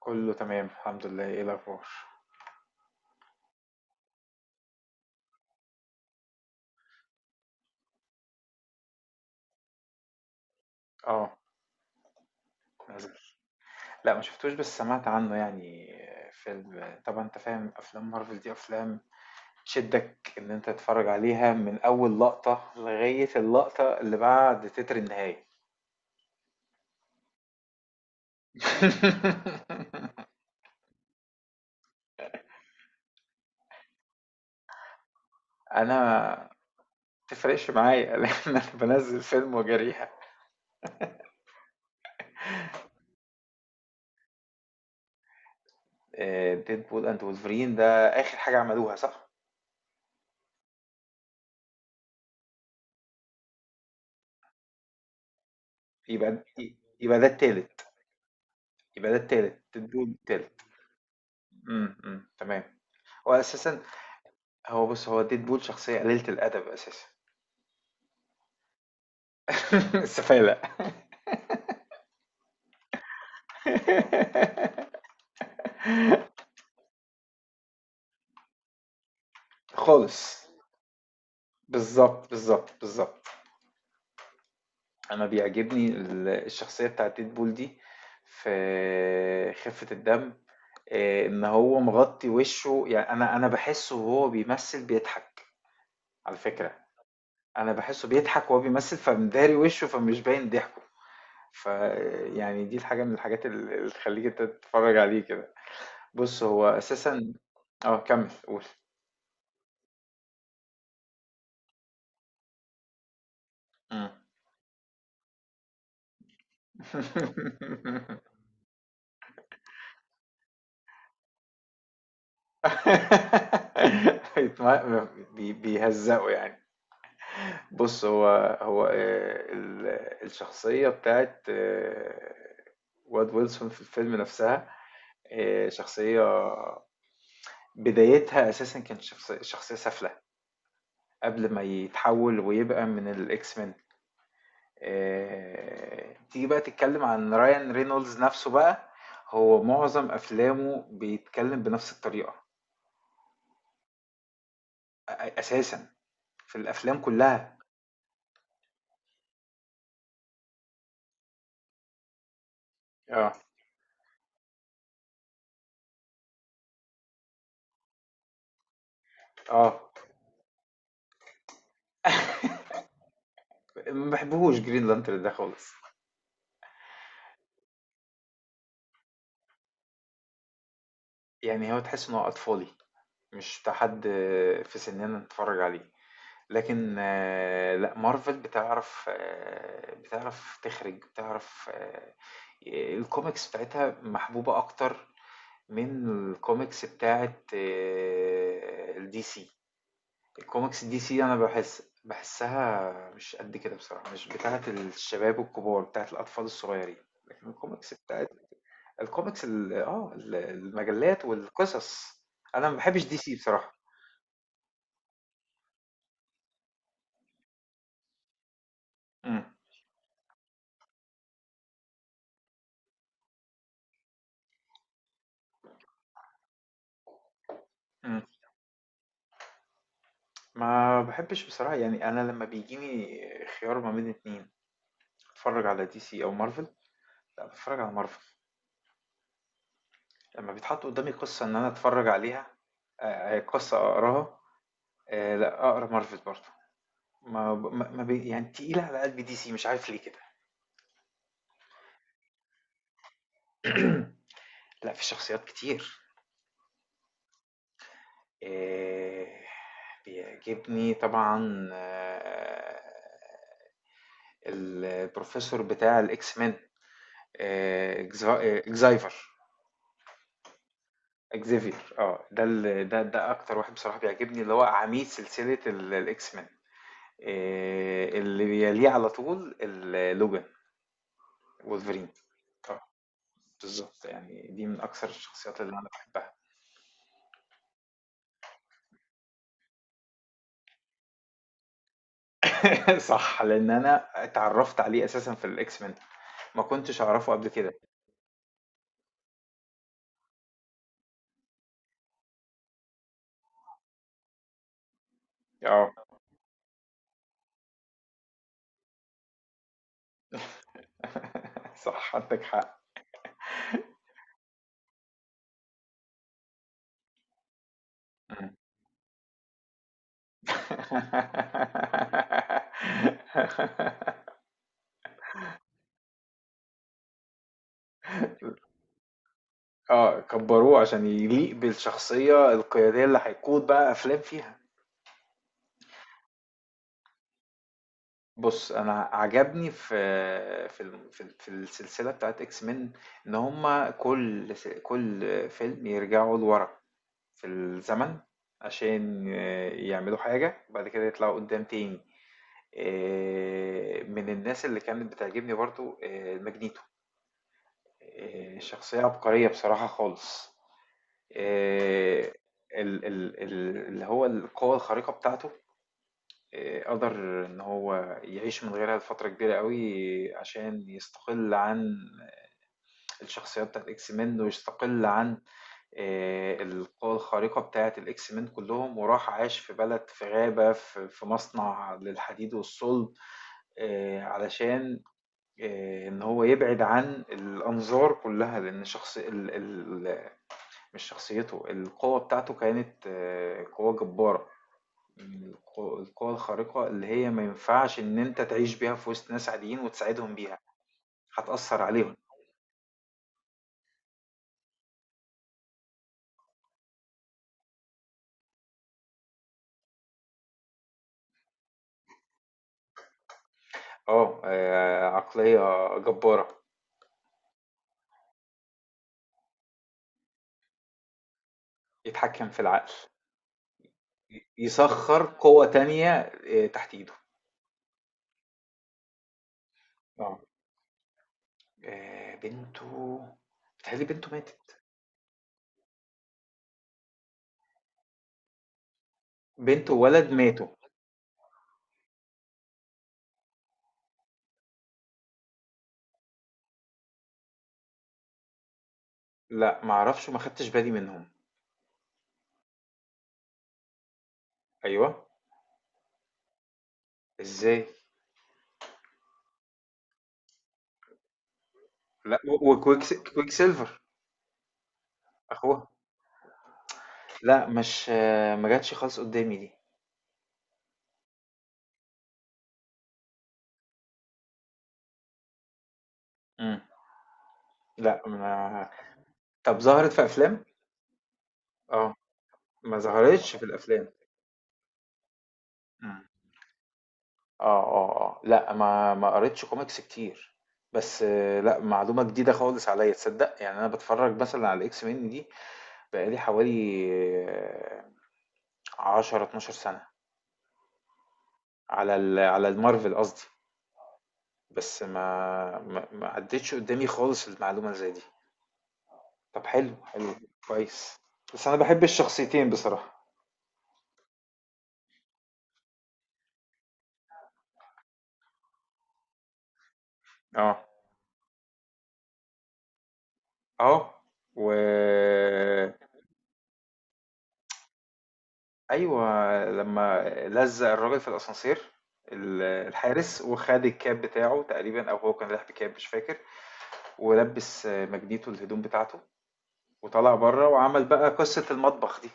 كله تمام الحمد لله. ايه الاخبار؟ اه. نزل. لا ما شفتوش، بس سمعت عنه يعني. فيلم، طبعا انت فاهم افلام مارفل دي افلام تشدك ان انت تتفرج عليها من اول لقطة لغاية اللقطة اللي بعد تتر النهاية. انا ما تفرقش معايا، لان انا بنزل فيلم وجريها. ديدبول اند وولفرين ده اخر حاجة عملوها، صح. يبقى يبقى ده التالت. يبقى ده التالت، ديدبول التالت. أمم، تمام. هو أساسًا. هو بُص، هو Deadpool شخصية قليلة الأدب أساسًا. السفالة. خالص. بالضبط، بالضبط، بالضبط. أنا بيعجبني الشخصية بتاعة Deadpool دي في خفة الدم. إن هو مغطّي وِشّه، يعني أنا باحسّه وهو بيمثّل بيضحك على فكرة. أنا باحسّه بيضحك وهو بيمثّل فمداري وِشّه فمش باين ضحكه. فيعني دي الحاجة من الحاجات اللي تخلّيك أنت تتفرّج عليه كده. بُص، هو أساسًا. آه كمّل قُل. إمم. بيتم بيهزّقوا يعني. بُص، هو الشخصية بتاعة Wade Wilson في الفيلم نَفْسها. شخصية بدايتها أساسًا كانت شخصية سافلة، قبل ما يتحوّل ويبقى من الX-Men. تيجي بقى تتكلّم عن Ryan Reynolds نَفْسه بقى. هو معظم أفلامه بيتكلّم بنَفْس الطريقة. اساسا في الافلام كلها. اه. اه. ما بحبهوش جرين لانترن ده خالص. يعني هو تحس انه اطفالي، مش بتاع حد في سننا نتفرج عليه. لكن لا، مارفل بتعرف تخرج. بتعرف آه، الكوميكس بتاعتها محبوبة اكتر من الكوميكس بتاعت الدي سي. الكوميكس دي سي انا بحسها مش قد كده، بصراحة مش بتاعة الشباب الكبار، بتاعة الأطفال الصغيرين. لكن الكوميكس بتاعت الكوميكس المجلات والقصص. انا ما بحبش دي سي بصراحة. مم. مم. ما بحبش بصراحة. يعني انا لما بيجيني خيار ما بين اتنين اتفرج على دي سي او مارفل، لا بتفرج على مارفل. لما بيتحط قدامي قصة ان انا اتفرج عليها، قصة اقراها. لا اقرا مارفل برضه. ما ب... ما ما بي... يعني تقيلة على قلبي دي سي، مش عارف ليه كده. لا، في شخصيات كتير. إيه... بيعجبني طبعا، البروفيسور بتاع الاكس مان، اكزايفر. اكزيفير، اه، ده ال... ده ده اكتر واحد بصراحة بيعجبني، اللي هو عميد سلسلة الاكس مان. اللي بيليه على طول لوجان، وولفرين. اه. بالظبط. يعني دي من اكثر الشخصيات اللي انا بحبها. صح، لان انا اتعرفت عليه اساسا في الاكس مان، ما كنتش اعرفه قبل كده. اه. صح، عندك حق. مم. اه، كبروه عشان يليق بالشخصيه القياديه اللي هيقود بقى افلام فيها. بص، انا عجبني في في السلسله بتاعت اكس مين ان هما كل فيلم يرجعوا لورا في الزمن عشان يعملوا حاجة وبعد كده يطلعوا قدام تاني. من الناس اللي كانت بتعجبني برضو ماجنيتو. شخصية عبقرية بصراحة خالص. آه، اللي هو القوة الخارقة بتاعته، قدر إن هو يعيش من غيرها لفترة كبيرة قوي عشان يستقل عن الشخصيات بتاعة إكس مان، ويستقل عن القوى الخارقة بتاعة الإكس مان كلّهم، وراح عاش في بلد، في غابة، في مصنع للحديد والصلب، علشان إن هو يبعد عن الأنظار كلّها، لإن شخص ال ال مش شخصيته. القوة بتاعته كانت قوة جبارة، من القوى الخارقة اللي هي ما ينفعش إن أنت تعيش بيها في وسط ناس عاديين وتساعدهم بيها، هتأثّر عليهم. عقلية جبارة. يتحكم في العقل. يسخر قوة تانية تحت ايده. اه. آه، بنته. بتهيألي بنته ماتت. بنته وولد ماتوا. لا معرفش، ما خدتش بالي منهم. ايوه. ازاي؟ لا، و- وكويك س- كويك سيلفر اخوها. لا مش ما جاتش خالص قدامي دي. مم. لا ما... طب ظهرت في افلام. اه. ما ظهرتش في الافلام. لأ، ما قريتش كوميكس كتير، بس لأ، معلومة جديدة خالص عليّا، تصدّق؟ يعني أنا باتفرّج مثلًا على الX men دي بقى لي حوالي 10، 12 سَنة، على ال على الMarvel قصدي، بس ما عدّتش قدّامي خالص المعلومة اللي زي دي. طَب، حلو، حلو، كويس. بس أنا باحب الشخصيتين بصراحة. آه، آه، و أيوه، لمّا لزّق الراجل في الأسانسير الحارس وخَد الكاب بتاعه تقريبًا، أو هو كان رايح بكاب مش فاكر، ولبِّس مجديتو الهدوم بتاعته وطلع برّه وعمل بقى قصة المطبخ دي.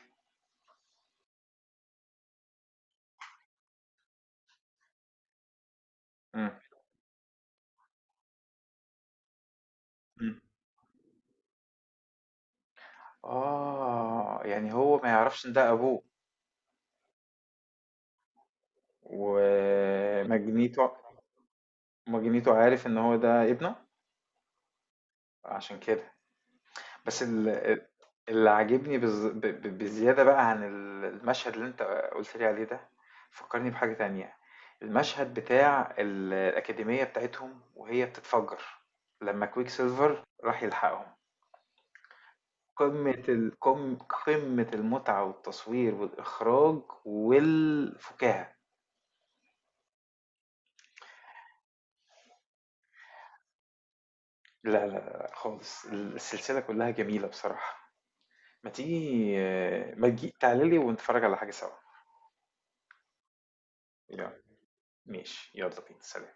إمم، إمم. آه، يعني هو ما يعرفش إن ده أبوه؟ ومجنيتو مجنيتو عارف إن هو ده ابنه، عشان كده. بس اللي عاجبني بزيادة بقى عن المشهد اللي انت قلت لي عليه ده، فكرني بحاجة تانية. المشهد بتاع الأكاديمية بتاعتهم وهي بتتفجر لما كويك سيلفر راح يلحقهم، قمة ال- قم- قمة المتعة والتصوير والإخراج والفكاهة. لا لا لا، خالص السلسلة كلها جميلة بصراحة. ما تيجي ما تجي تعالي لي ونتفرج على حاجة سوا. يلا. ماشي، يلا بينا، سلام.